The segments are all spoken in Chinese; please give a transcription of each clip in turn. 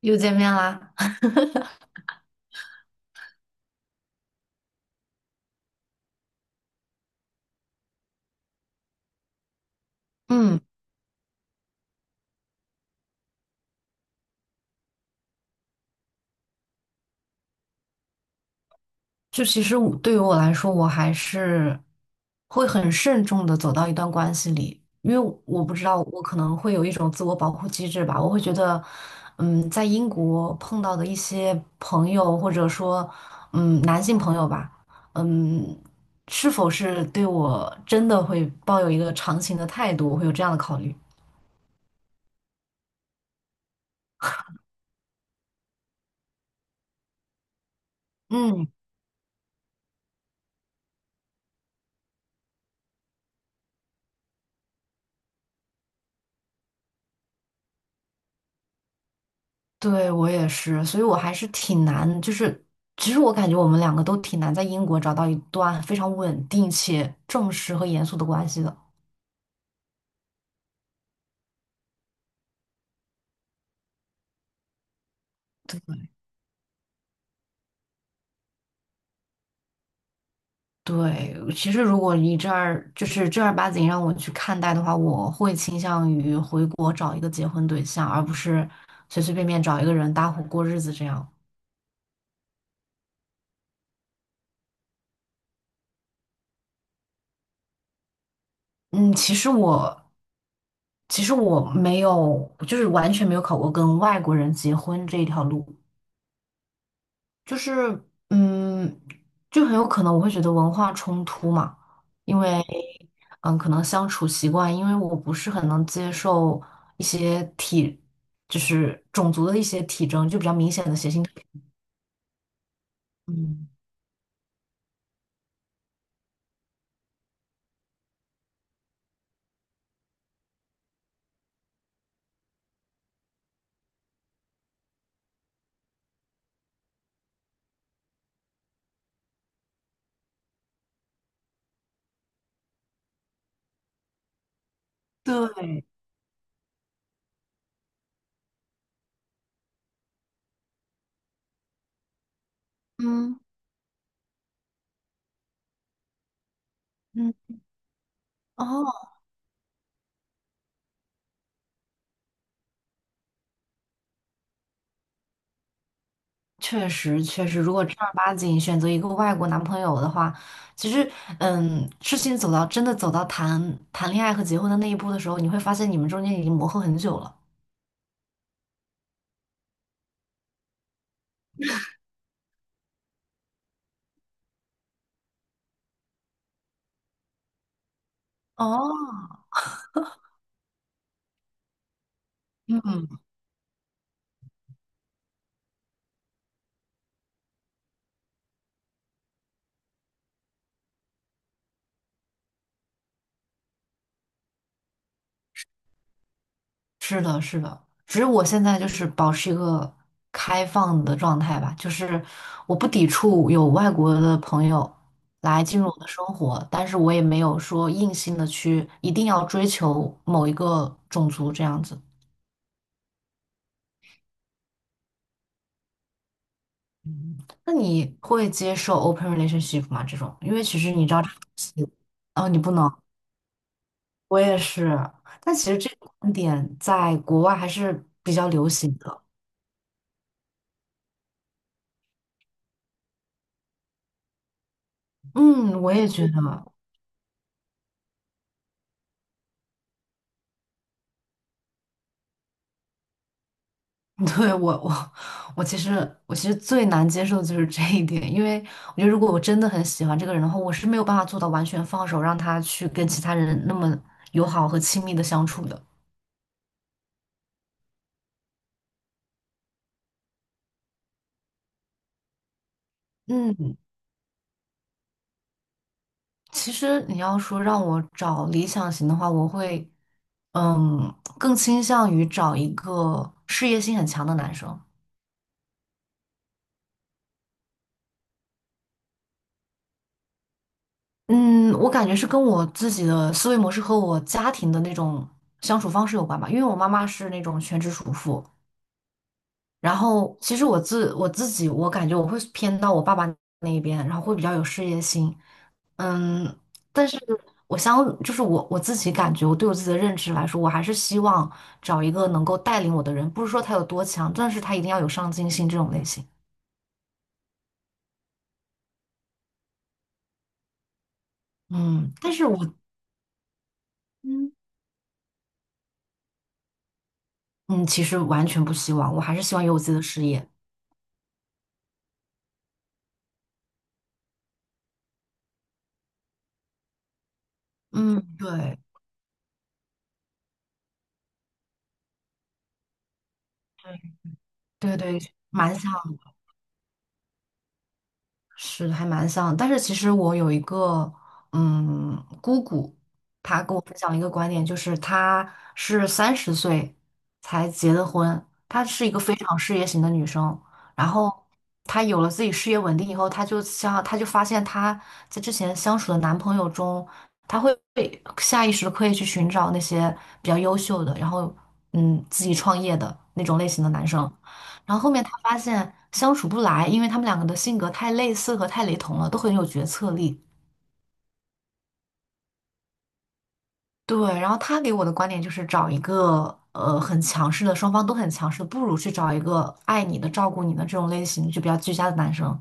又见面啦。嗯，其实对我来说，我还是会很慎重的走到一段关系里，因为我不知道，我可能会有一种自我保护机制吧。我会觉得，在英国碰到的一些朋友，或者说，男性朋友吧，嗯，是否是对我真的会抱有一个长情的态度，我会有这样的考虑。嗯。对，我也是，所以我还是挺难，就是其实我感觉我们两个都挺难在英国找到一段非常稳定且正式和严肃的关系的。对，其实如果你这儿就是正儿八经让我去看待的话，我会倾向于回国找一个结婚对象，而不是随随便便找一个人搭伙过日子这样。嗯，其实我其实我没有，就是完全没有考过跟外国人结婚这一条路。就是，嗯，就很有可能我会觉得文化冲突嘛，因为可能相处习惯，因为我不是很能接受一些体，就是种族的一些体征，就比较明显的血腥。嗯，对，嗯嗯，哦，确实确实，如果正儿八经选择一个外国男朋友的话，其实，嗯，事情走到真的走到谈谈恋爱和结婚的那一步的时候，你会发现你们中间已经磨合很久了。哦。嗯。是的，是的，只是我现在就是保持一个开放的状态吧，就是我不抵触有外国的朋友来进入我的生活，但是我也没有说硬性的去一定要追求某一个种族这样子。嗯，那你会接受 open relationship 吗？这种，因为其实你知道这个东西，哦，你不能，我也是，但其实这个观点在国外还是比较流行的。嗯，我也觉得。对，我其实最难接受的就是这一点，因为我觉得如果我真的很喜欢这个人的话，我是没有办法做到完全放手，让他去跟其他人那么友好和亲密的相处的。嗯，其实你要说让我找理想型的话，我会嗯更倾向于找一个事业心很强的男生。嗯，我感觉是跟我自己的思维模式和我家庭的那种相处方式有关吧，因为我妈妈是那种全职主妇。然后其实我自己，我感觉我会偏到我爸爸那一边，然后会比较有事业心。嗯，但是我相就是我我自己感觉，我对我自己的认知来说，我还是希望找一个能够带领我的人，不是说他有多强，但是他一定要有上进心这种类型。嗯，但是我嗯，嗯其实完全不希望，我还是希望有我自己的事业。嗯，对，蛮想。是还蛮像的，但是其实我有一个姑姑，她跟我分享一个观点，就是她是30岁才结的婚，她是一个非常事业型的女生，然后她有了自己事业稳定以后，她就发现她在之前相处的男朋友中，她会下意识地刻意去寻找那些比较优秀的，然后自己创业的那种类型的男生。然后后面他发现相处不来，因为他们两个的性格太类似和太雷同了，都很有决策力。对，然后他给我的观点就是找一个很强势的，双方都很强势的，不如去找一个爱你的、照顾你的这种类型就比较居家的男生。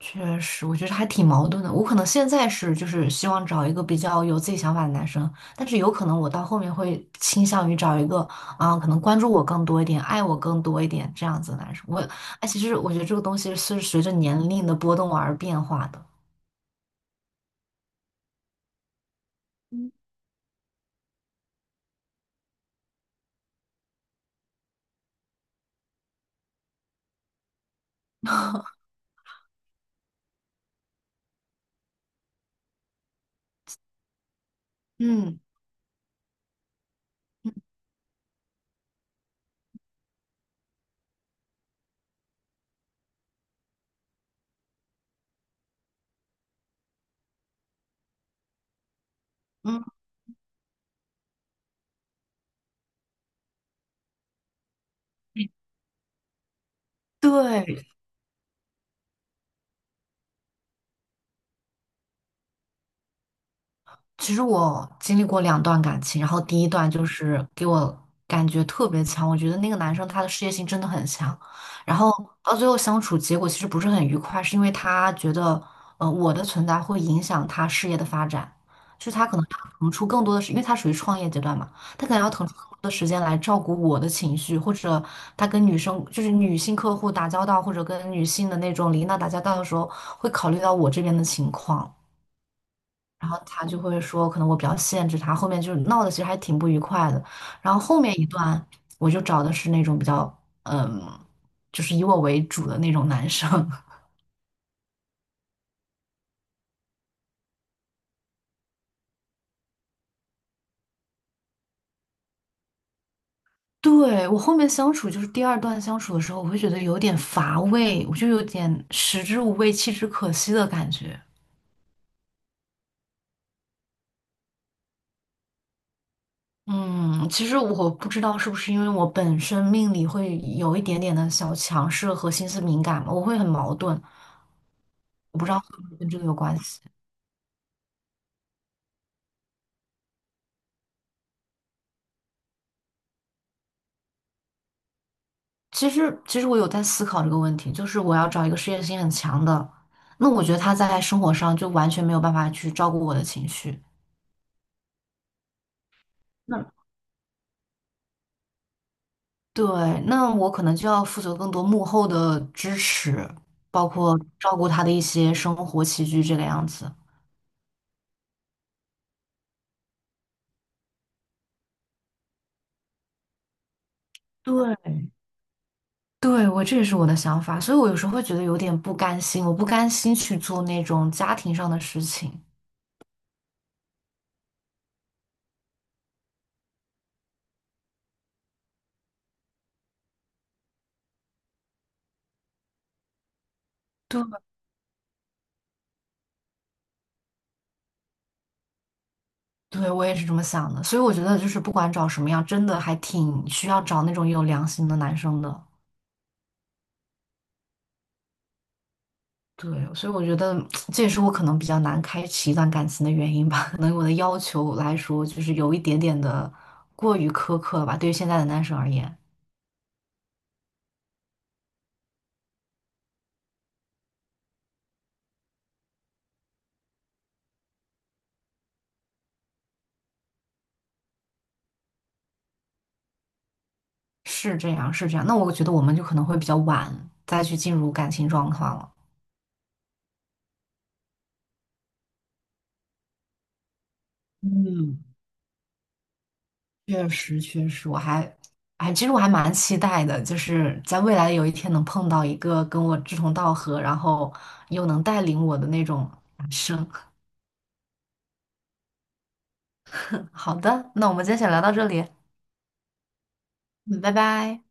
确实，我觉得还挺矛盾的。我可能现在是就是希望找一个比较有自己想法的男生，但是有可能我到后面会倾向于找一个可能关注我更多一点、爱我更多一点这样子的男生。哎，其实我觉得这个东西是随着年龄的波动而变化的。嗯，嗯，嗯，对，其实我经历过两段感情，然后第一段就是给我感觉特别强，我觉得那个男生他的事业心真的很强，然后到最后相处结果其实不是很愉快，是因为他觉得我的存在会影响他事业的发展，就是他可能要腾出更多的时，因为他属于创业阶段嘛，他可能要腾出更多的时间来照顾我的情绪，或者他跟女生就是女性客户打交道，或者跟女性的那种领导打交道的时候，会考虑到我这边的情况。然后他就会说，可能我比较限制他，后面就是闹的其实还挺不愉快的。然后后面一段，我就找的是那种比较，嗯，就是以我为主的那种男生。对，我后面相处，就是第二段相处的时候，我会觉得有点乏味，我就有点食之无味，弃之可惜的感觉。嗯，其实我不知道是不是因为我本身命里会有一点点的小强势和心思敏感嘛，我会很矛盾，我不知道会不会跟这个有关系。其实我有在思考这个问题，就是我要找一个事业心很强的，那我觉得他在生活上就完全没有办法去照顾我的情绪。那对，那我可能就要负责更多幕后的支持，包括照顾他的一些生活起居这个样子。对。对，我这也是我的想法，所以我有时候会觉得有点不甘心，我不甘心去做那种家庭上的事情。对。对，我也是这么想的，所以我觉得就是不管找什么样，真的还挺需要找那种有良心的男生的。对，所以我觉得 这也是我可能比较难开启一段感情的原因吧。可能我的要求来说，就是有一点点的过于苛刻了吧，对于现在的男生而言，是这样，是这样。那我觉得我们就可能会比较晚再去进入感情状况了。嗯，确实，确实，哎，其实我还蛮期待的，就是在未来有一天能碰到一个跟我志同道合，然后又能带领我的那种男生。好的，那我们今天先聊到这里，嗯，拜拜。